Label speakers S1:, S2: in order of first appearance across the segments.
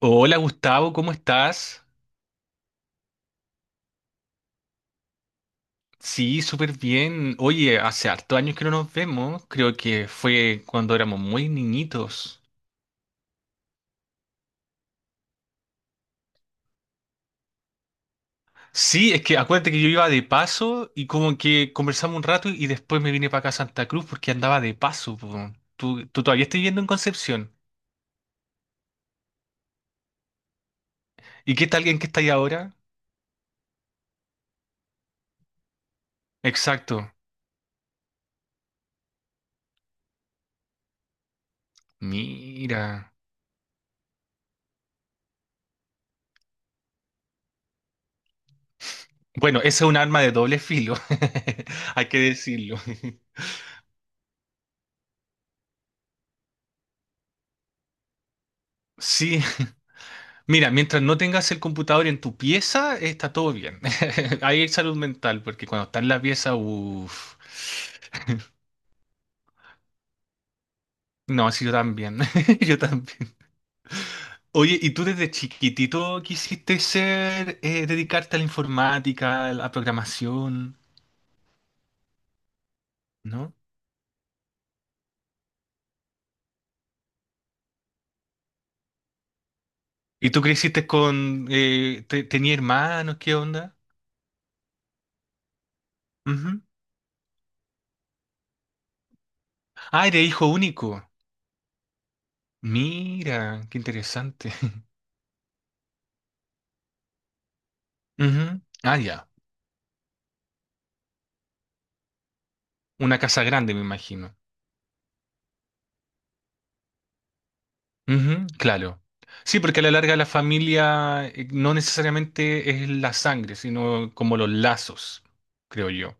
S1: Hola Gustavo, ¿cómo estás? Sí, súper bien. Oye, hace hartos años que no nos vemos. Creo que fue cuando éramos muy niñitos. Sí, es que acuérdate que yo iba de paso y como que conversamos un rato y después me vine para acá a Santa Cruz porque andaba de paso, po. Tú todavía estás viviendo en Concepción. ¿Y qué tal en qué estáis ahora? Exacto. Mira. Bueno, ese es un arma de doble filo. Hay que decirlo. Sí. Mira, mientras no tengas el computador en tu pieza, está todo bien. Ahí hay salud mental, porque cuando está en la pieza, uff. No, sí, yo también. Yo también. Oye, ¿y tú desde chiquitito quisiste ser, dedicarte a la informática, a la programación, ¿no? ¿Y tú creciste con, tenía hermanos, qué onda? Ujú. Ah, eres hijo único. Mira, qué interesante. Ujú. Ah, ya. Una casa grande, me imagino. Ujú, claro. Sí, porque a la larga la familia no necesariamente es la sangre, sino como los lazos, creo yo.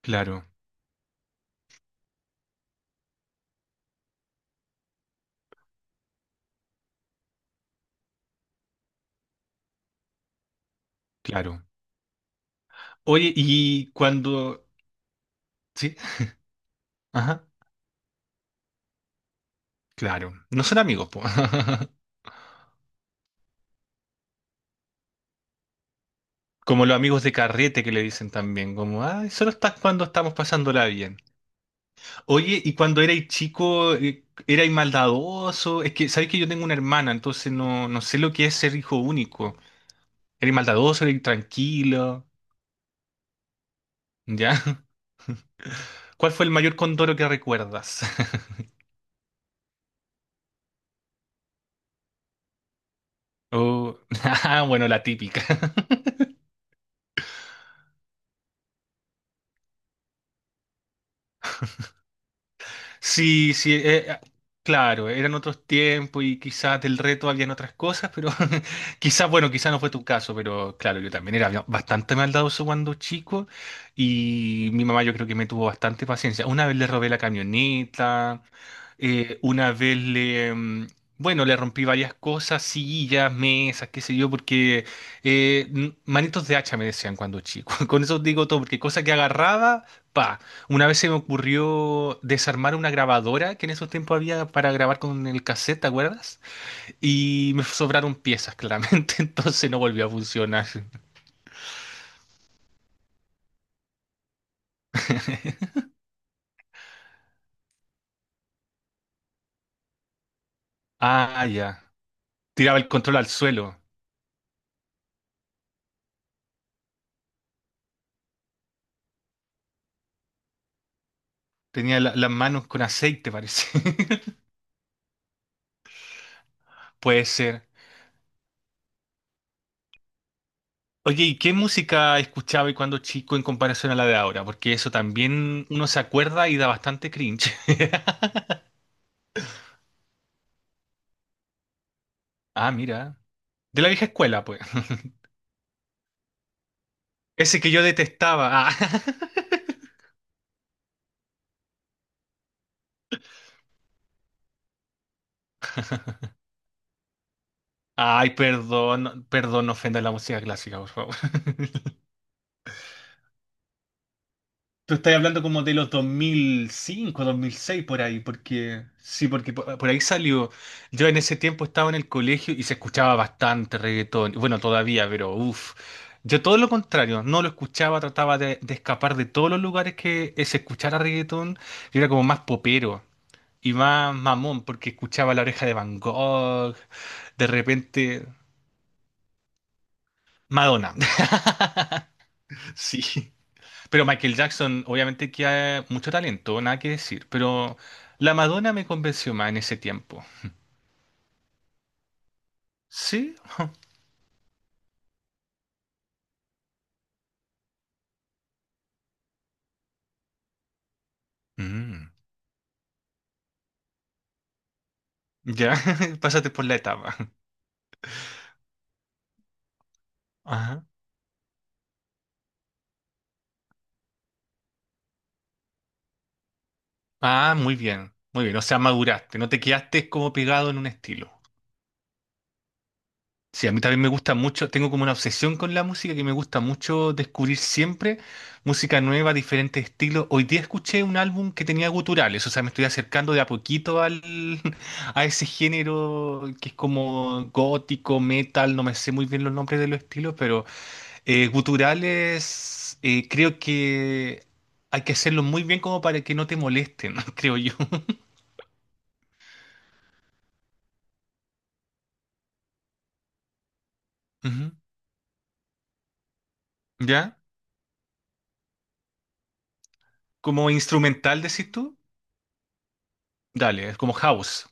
S1: Claro, claro. Oye, y cuando. Sí, ajá, claro. No son amigos, po. Como los amigos de carrete que le dicen también, como, ay, solo estás cuando estamos pasándola bien. Oye, y cuando erais chico, erais maldadoso. Es que, ¿sabéis que yo tengo una hermana? Entonces no, no sé lo que es ser hijo único. ¿Erais maldadoso, erais tranquilo? ¿Ya? ¿Cuál fue el mayor condoro que recuerdas? Oh, ah, bueno, la típica. Sí, sí, claro, eran otros tiempos y quizás del reto habían otras cosas, pero quizás, bueno, quizás no fue tu caso, pero claro, yo también era bastante maldadoso cuando chico y mi mamá yo creo que me tuvo bastante paciencia. Una vez le robé la camioneta. Una vez bueno, le rompí varias cosas, sillas, mesas, qué sé yo, porque manitos de hacha me decían cuando chico. Con eso digo todo, porque cosa que agarraba, pa. Una vez se me ocurrió desarmar una grabadora que en esos tiempos había para grabar con el cassette, ¿te acuerdas? Y me sobraron piezas, claramente, entonces no volvió a funcionar. Ah, ya. Tiraba el control al suelo. Tenía las manos con aceite, parece. Puede ser. Oye, ¿y qué música escuchaba y cuando chico en comparación a la de ahora? Porque eso también uno se acuerda y da bastante cringe. Ah, mira. De la vieja escuela, pues. Ese que yo detestaba. Ah. Ay, perdón, perdón, no ofenda la música clásica, por favor. Tú estás hablando como de los dos mil cinco, 2006 por ahí, porque sí, porque por ahí salió. Yo en ese tiempo estaba en el colegio y se escuchaba bastante reggaetón. Bueno, todavía, pero uff. Yo todo lo contrario, no lo escuchaba, trataba de escapar de todos los lugares que se escuchara reggaetón. Yo era como más popero y más mamón, porque escuchaba La Oreja de Van Gogh, de repente Madonna. Sí. Pero Michael Jackson, obviamente que hay mucho talento, nada que decir, pero la Madonna me convenció más en ese tiempo. ¿Sí? Mm, ya, pásate por la etapa. Ajá. Ah, muy bien, muy bien. O sea, maduraste, no te quedaste como pegado en un estilo. Sí, a mí también me gusta mucho, tengo como una obsesión con la música que me gusta mucho descubrir siempre música nueva, diferentes estilos. Hoy día escuché un álbum que tenía guturales, o sea, me estoy acercando de a poquito a ese género que es como gótico, metal, no me sé muy bien los nombres de los estilos, pero guturales creo que hay que hacerlo muy bien como para que no te molesten, creo yo. Ujú. ¿Ya? Como instrumental, decís tú, dale, es como house.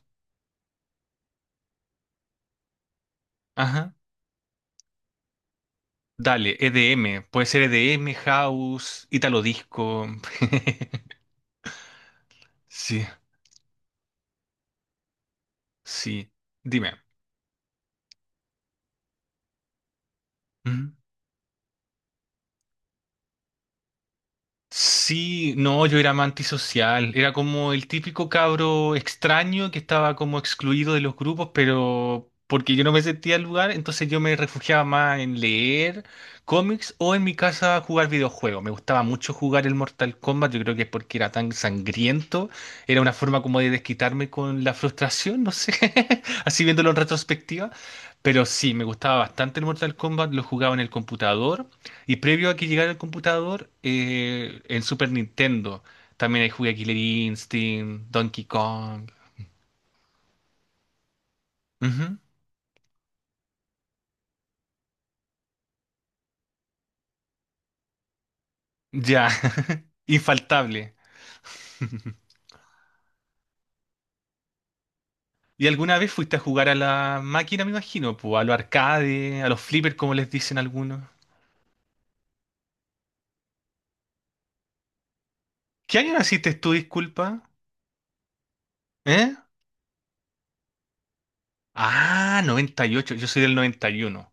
S1: Ajá. Dale, EDM, puede ser EDM, House, Italo Disco. Sí, sí. Dime. Sí, no, yo era más antisocial. Era como el típico cabro extraño que estaba como excluido de los grupos, pero porque yo no me sentía al lugar, entonces yo me refugiaba más en leer cómics o en mi casa jugar videojuegos. Me gustaba mucho jugar el Mortal Kombat, yo creo que es porque era tan sangriento. Era una forma como de desquitarme con la frustración, no sé, así viéndolo en retrospectiva. Pero sí, me gustaba bastante el Mortal Kombat, lo jugaba en el computador. Y previo a que llegara el computador, en Super Nintendo también hay jugué Killer Instinct, Donkey Kong. Ujú. Ya, infaltable. ¿Y alguna vez fuiste a jugar a la máquina, me imagino? Pues, a los arcades, a los flippers, como les dicen algunos. ¿Qué año naciste tú, disculpa? ¿Eh? Ah, 98, yo soy del 91.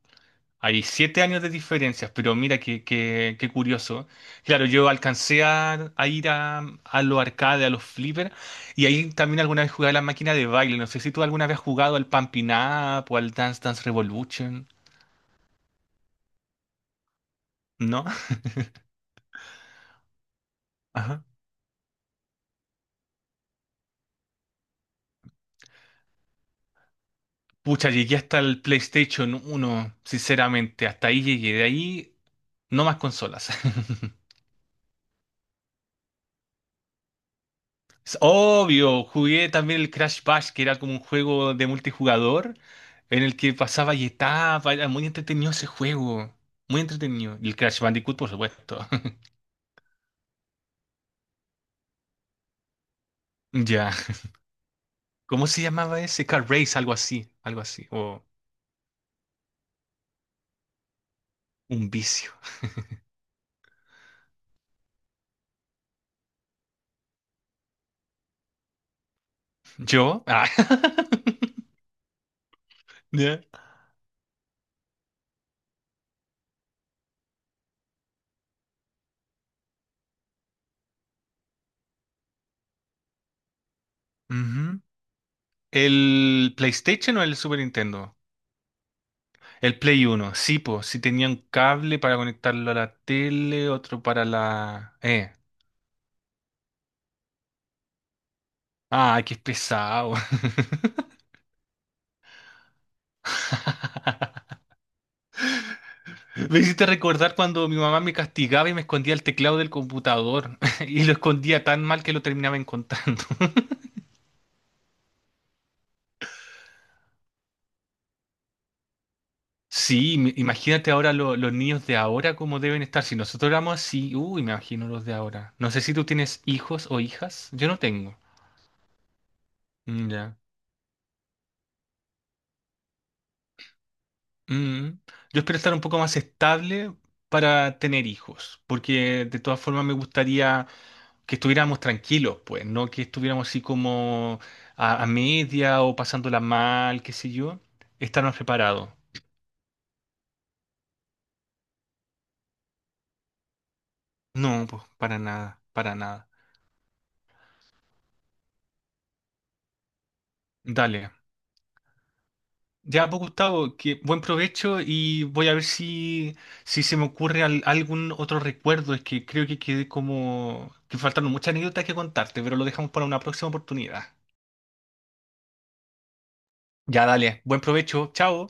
S1: Hay 7 años de diferencias, pero mira qué curioso. Claro, yo alcancé a ir a los arcades, a los flippers, y ahí también alguna vez jugué a la máquina de baile. No sé si tú alguna vez has jugado al Pumping Up o al Dance Dance Revolution, ¿no? Ajá. Pucha, llegué hasta el PlayStation uno, sinceramente, hasta ahí llegué. De ahí, no más consolas. Es obvio, jugué también el Crash Bash, que era como un juego de multijugador en el que pasaba y etapa. Era muy entretenido ese juego. Muy entretenido. Y el Crash Bandicoot, por supuesto. Ya. ¿Cómo se llamaba ese? Car Race, algo así. Algo así. O un vicio. ¿Yo? Ah. Ya. Ujú. ¿El PlayStation o el Super Nintendo? El Play Uno. Sí, pues, sí tenía un cable para conectarlo a la tele, otro para la. Ah, qué pesado. Me hiciste recordar cuando mi mamá me castigaba y me escondía el teclado del computador y lo escondía tan mal que lo terminaba encontrando. Sí, imagínate ahora los niños de ahora cómo deben estar. Si nosotros éramos así, uy, me imagino los de ahora. No sé si tú tienes hijos o hijas. Yo no tengo. Mm, ya. Mm. Yo espero estar un poco más estable para tener hijos, porque de todas formas me gustaría que estuviéramos tranquilos, pues, no que estuviéramos así como a media o pasándola mal, qué sé yo, estar más preparados. No, pues, para nada, para nada. Dale. Ya, pues, Gustavo, que buen provecho y voy a ver si se me ocurre algún otro recuerdo. Es que creo que quedé como que faltaron muchas anécdotas que contarte, pero lo dejamos para una próxima oportunidad. Ya, dale. Buen provecho. Chao.